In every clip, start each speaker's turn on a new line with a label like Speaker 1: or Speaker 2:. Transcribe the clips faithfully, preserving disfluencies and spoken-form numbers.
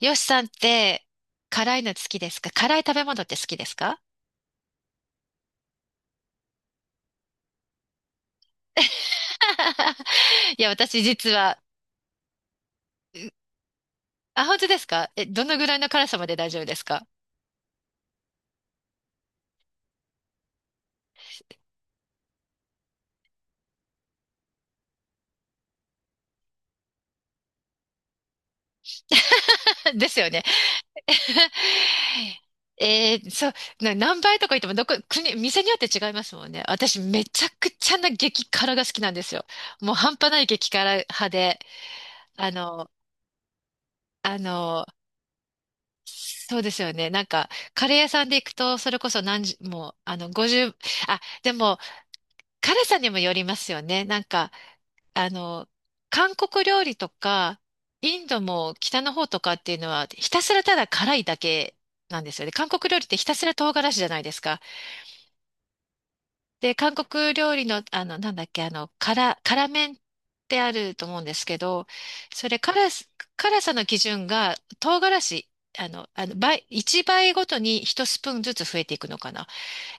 Speaker 1: よしさんって、辛いの好きですか？辛い食べ物って好きですか？ いや、私実は、あ、本当ですか？え、どのぐらいの辛さまで大丈夫ですか？ ですよね。えーそう、な何倍とか言っても、どこ、国、店によって違いますもんね。私、めちゃくちゃな激辛が好きなんですよ。もう半端ない激辛派で、あの、あの、そうですよね。なんか、カレー屋さんで行くと、それこそ何十、もう、あの、ごじゅう、あ、でも、辛さにもよりますよね。なんか、あの、韓国料理とか、インドも北の方とかっていうのは、ひたすらただ辛いだけなんですよね。韓国料理ってひたすら唐辛子じゃないですか。で、韓国料理の、あの、なんだっけ、あの、辛、辛麺ってあると思うんですけど、それ辛す、辛さの基準が唐辛子、あの、あの、倍、いちばいごとにひとスプーンずつ増えていくのかな。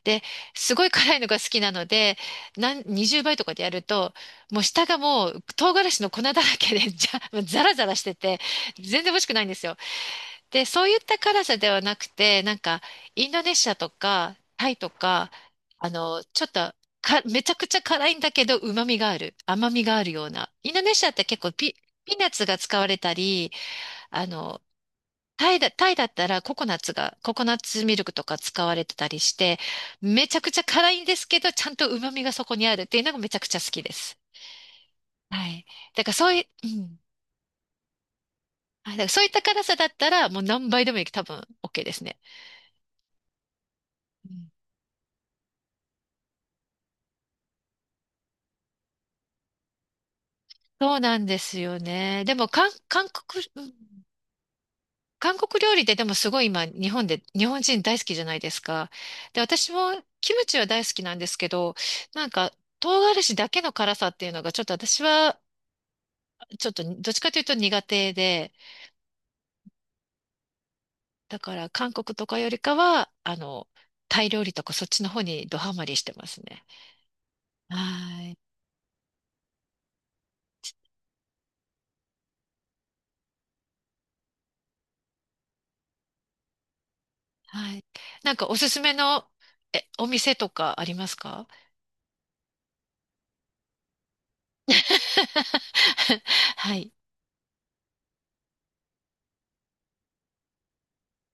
Speaker 1: で、すごい辛いのが好きなので、なんにじゅうばいとかでやると、もう下がもう唐辛子の粉だらけで、じゃ、もうザラザラしてて、全然美味しくないんですよ。で、そういった辛さではなくて、なんか、インドネシアとか、タイとか、あの、ちょっと、か、めちゃくちゃ辛いんだけど、旨味がある。甘みがあるような。インドネシアって結構ピ、ピーナッツが使われたり、あの、タイだ、タイだったらココナッツが、ココナッツミルクとか使われてたりして、めちゃくちゃ辛いんですけど、ちゃんと旨味がそこにあるっていうのがめちゃくちゃ好きです。はい。だからそういう、うん。はい、だからそういった辛さだったら、もう何倍でもいい、多分 OK ですね。うん、そうなんですよね。でも、韓、韓国、うん、韓国料理ででもすごい今、日本で、日本人大好きじゃないですか。で、私もキムチは大好きなんですけど、なんか、唐辛子だけの辛さっていうのがちょっと私はちょっとどっちかというと苦手で、だから韓国とかよりかは、あの、タイ料理とかそっちの方にドハマりしてますね。はい。はい。なんかおすすめの、え、お店とかありますか？ はい。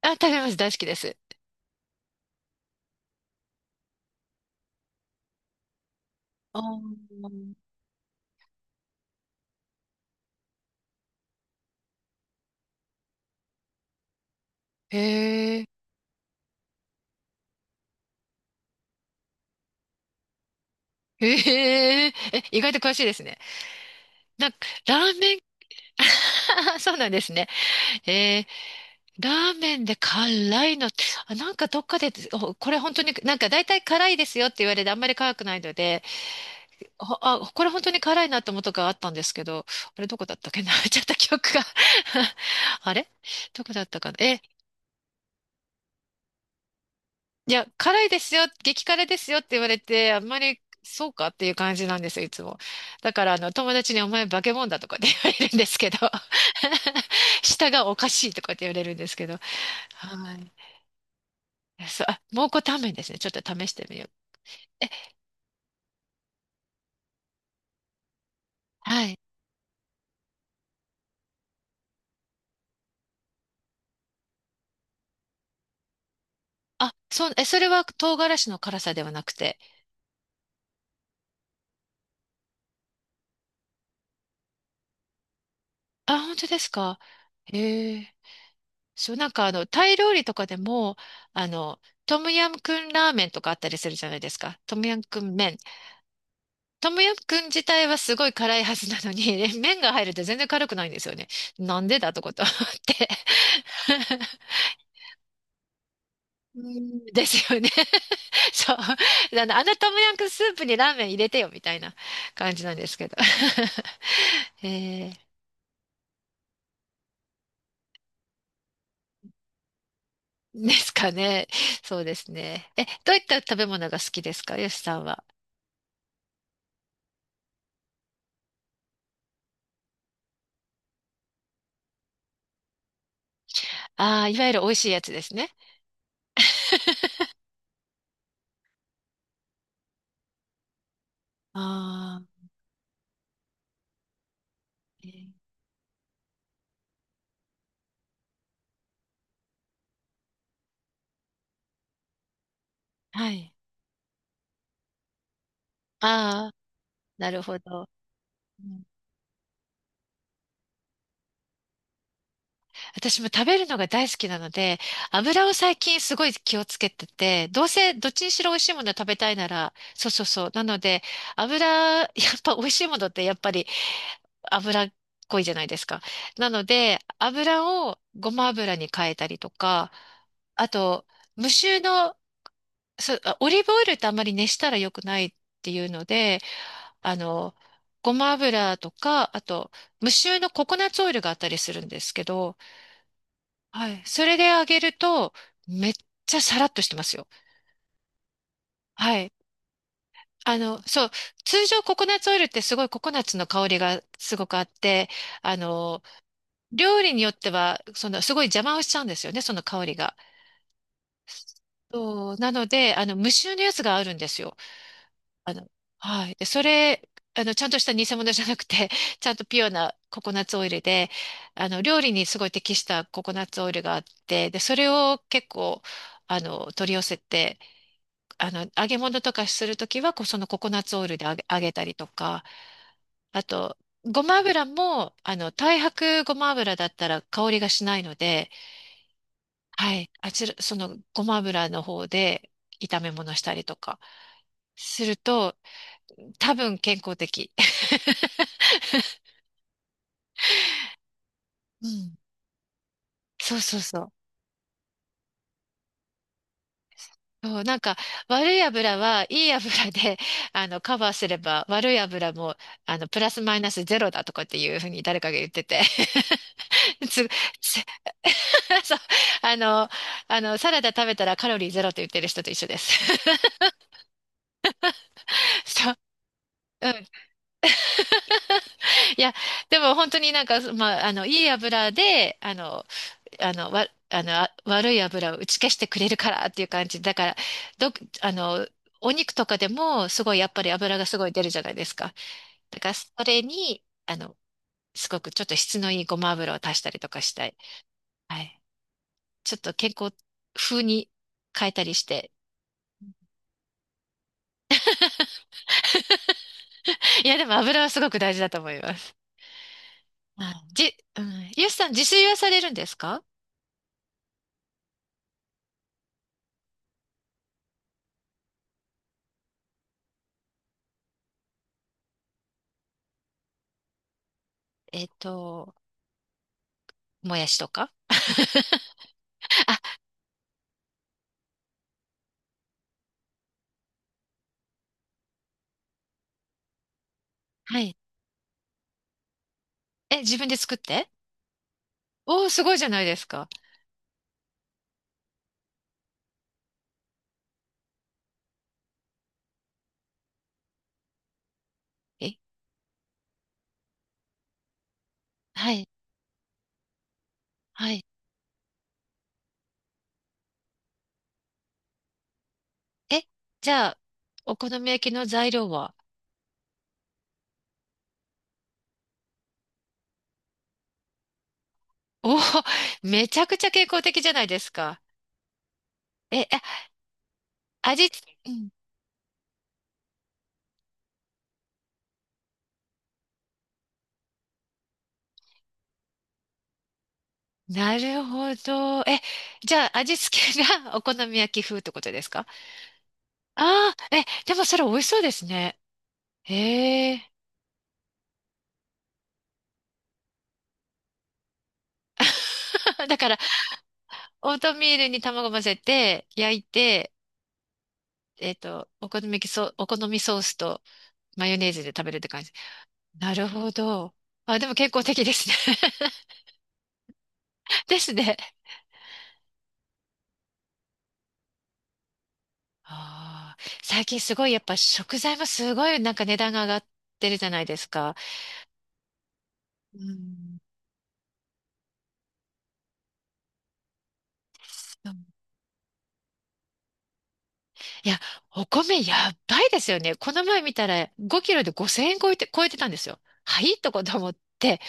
Speaker 1: あ、食べます。大好きです。あー、へえ、へえ、え、意外と詳しいですね。なんか、ラーメン、そうなんですね。へえ、ラーメンで辛いのって、あ、なんかどっかで、お、これ本当になんか大体辛いですよって言われてあんまり辛くないので、ほあ、これ本当に辛いなって思ったことがあったんですけど、あれどこだったっけな。 ちゃった記憶が。 あれどこだったかな？え、いや、辛いですよ、激辛ですよって言われて、あんまりそうかっていう感じなんですよ、いつも。だからあの友達にお前化け物だとかって言われるんですけど。 舌がおかしいとかって言われるんですけど。はい。そう、あ、蒙古タンメンですね。ちょっと試してみよう。え、はい。あ、そう、え、それは唐辛子の辛さではなくて。あ、本当ですか。へえ。そう、なんかあの、タイ料理とかでも、あの、トムヤムクンラーメンとかあったりするじゃないですか。トムヤムクン麺。トムヤムクン自体はすごい辛いはずなのに、麺が入ると全然辛くないんですよね。なんでだとこと思って。うんですよね。そう。あの、あのトムヤムクンスープにラーメン入れてよ、みたいな感じなんですけど。えー、ですかね。そうですね。え、どういった食べ物が好きですか、よしさんは。ああ、いわゆる美味しいやつですね。ああ、えー、はい。ああ、なるほど。私も食べるのが大好きなので、油を最近すごい気をつけてて、どうせどっちにしろ美味しいもの食べたいなら、そうそうそう。なので、油、やっぱ美味しいものってやっぱり油っこいじゃないですか。なので、油をごま油に変えたりとか、あと、無臭の、そう、あ、オリーブオイルってあんまり熱したら良くないっていうので、あの、ごま油とか、あと、無臭のココナッツオイルがあったりするんですけど、はい。それで揚げると、めっちゃサラッとしてますよ。はい。あの、そう、通常ココナッツオイルってすごいココナッツの香りがすごくあって、あの、料理によっては、その、すごい邪魔をしちゃうんですよね、その香りが。そう、なので、あの、無臭のやつがあるんですよ。あの、はい。で、それ、あの、ちゃんとした偽物じゃなくて、ちゃんとピュアなココナッツオイルで、あの、料理にすごい適したココナッツオイルがあって、で、それを結構、あの、取り寄せて、あの、揚げ物とかするときは、こうそのココナッツオイルで揚げ、揚げたりとか、あと、ごま油も、あの、太白ごま油だったら香りがしないので、はい、あちら、そのごま油の方で炒め物したりとかすると、多分健康的。うん。そうそうそう。そう、なんか、悪い油はいい油で、あの、カバーすれば、悪い油も、あの、プラスマイナスゼロだとかっていうふうに誰かが言ってて。つ、つ。 そう、あの、あの、サラダ食べたらカロリーゼロと言ってる人と一緒です。そう。うん。いや、でも本当になんか、まあ、あの、いい油で、あの、あの、わ、あの、あ、悪い油を打ち消してくれるからっていう感じ。だから、ど、あの、お肉とかでも、すごい、やっぱり油がすごい出るじゃないですか。だから、それに、あの、すごくちょっと質のいいごま油を足したりとかしたい。はい。ちょっと健康風に変えたりして、いや、でも油はすごく大事だと思います。あ、じ、うん。ゆうさん、自炊はされるんですか？えっと、もやしとか。 はい。え、自分で作って、おー、すごいじゃないですか。え、はい、はい。え、じゃあ、お好み焼きの材料は？ おー、めちゃくちゃ健康的じゃないですか。え、あ、味、うん、なるほど。え、じゃあ、味付けが お好み焼き風ってことですか？ああー、え、でもそれ美味しそうですね。へえ。だからオートミールに卵混ぜて、焼いて、えっと、お好み焼きソ、お好みソースとマヨネーズで食べるって感じ。なるほど。あ、でも健康的ですね。ですね。あー、最近すごいやっぱ食材もすごいなんか値段が上がってるじゃないですか。うん。いや、お米やばいですよね。この前見たらごキロでごせんえん超えて、超えてたんですよ。はいとこと思って。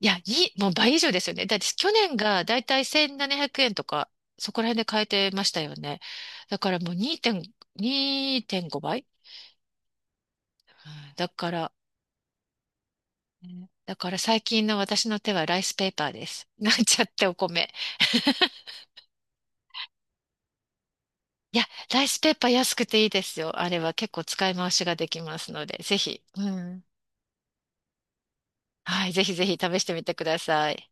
Speaker 1: いや、いい、もう倍以上ですよね。だって去年がだいたいせんななひゃくえんとか、そこら辺で買えてましたよね。だからもうにてんご、にてんごばい。うん、だから、ね、だから最近の私の手はライスペーパーです。なんちゃってお米。いや、ライスペーパー安くていいですよ。あれは結構使い回しができますので、ぜひ。うん。はい、ぜひぜひ試してみてください。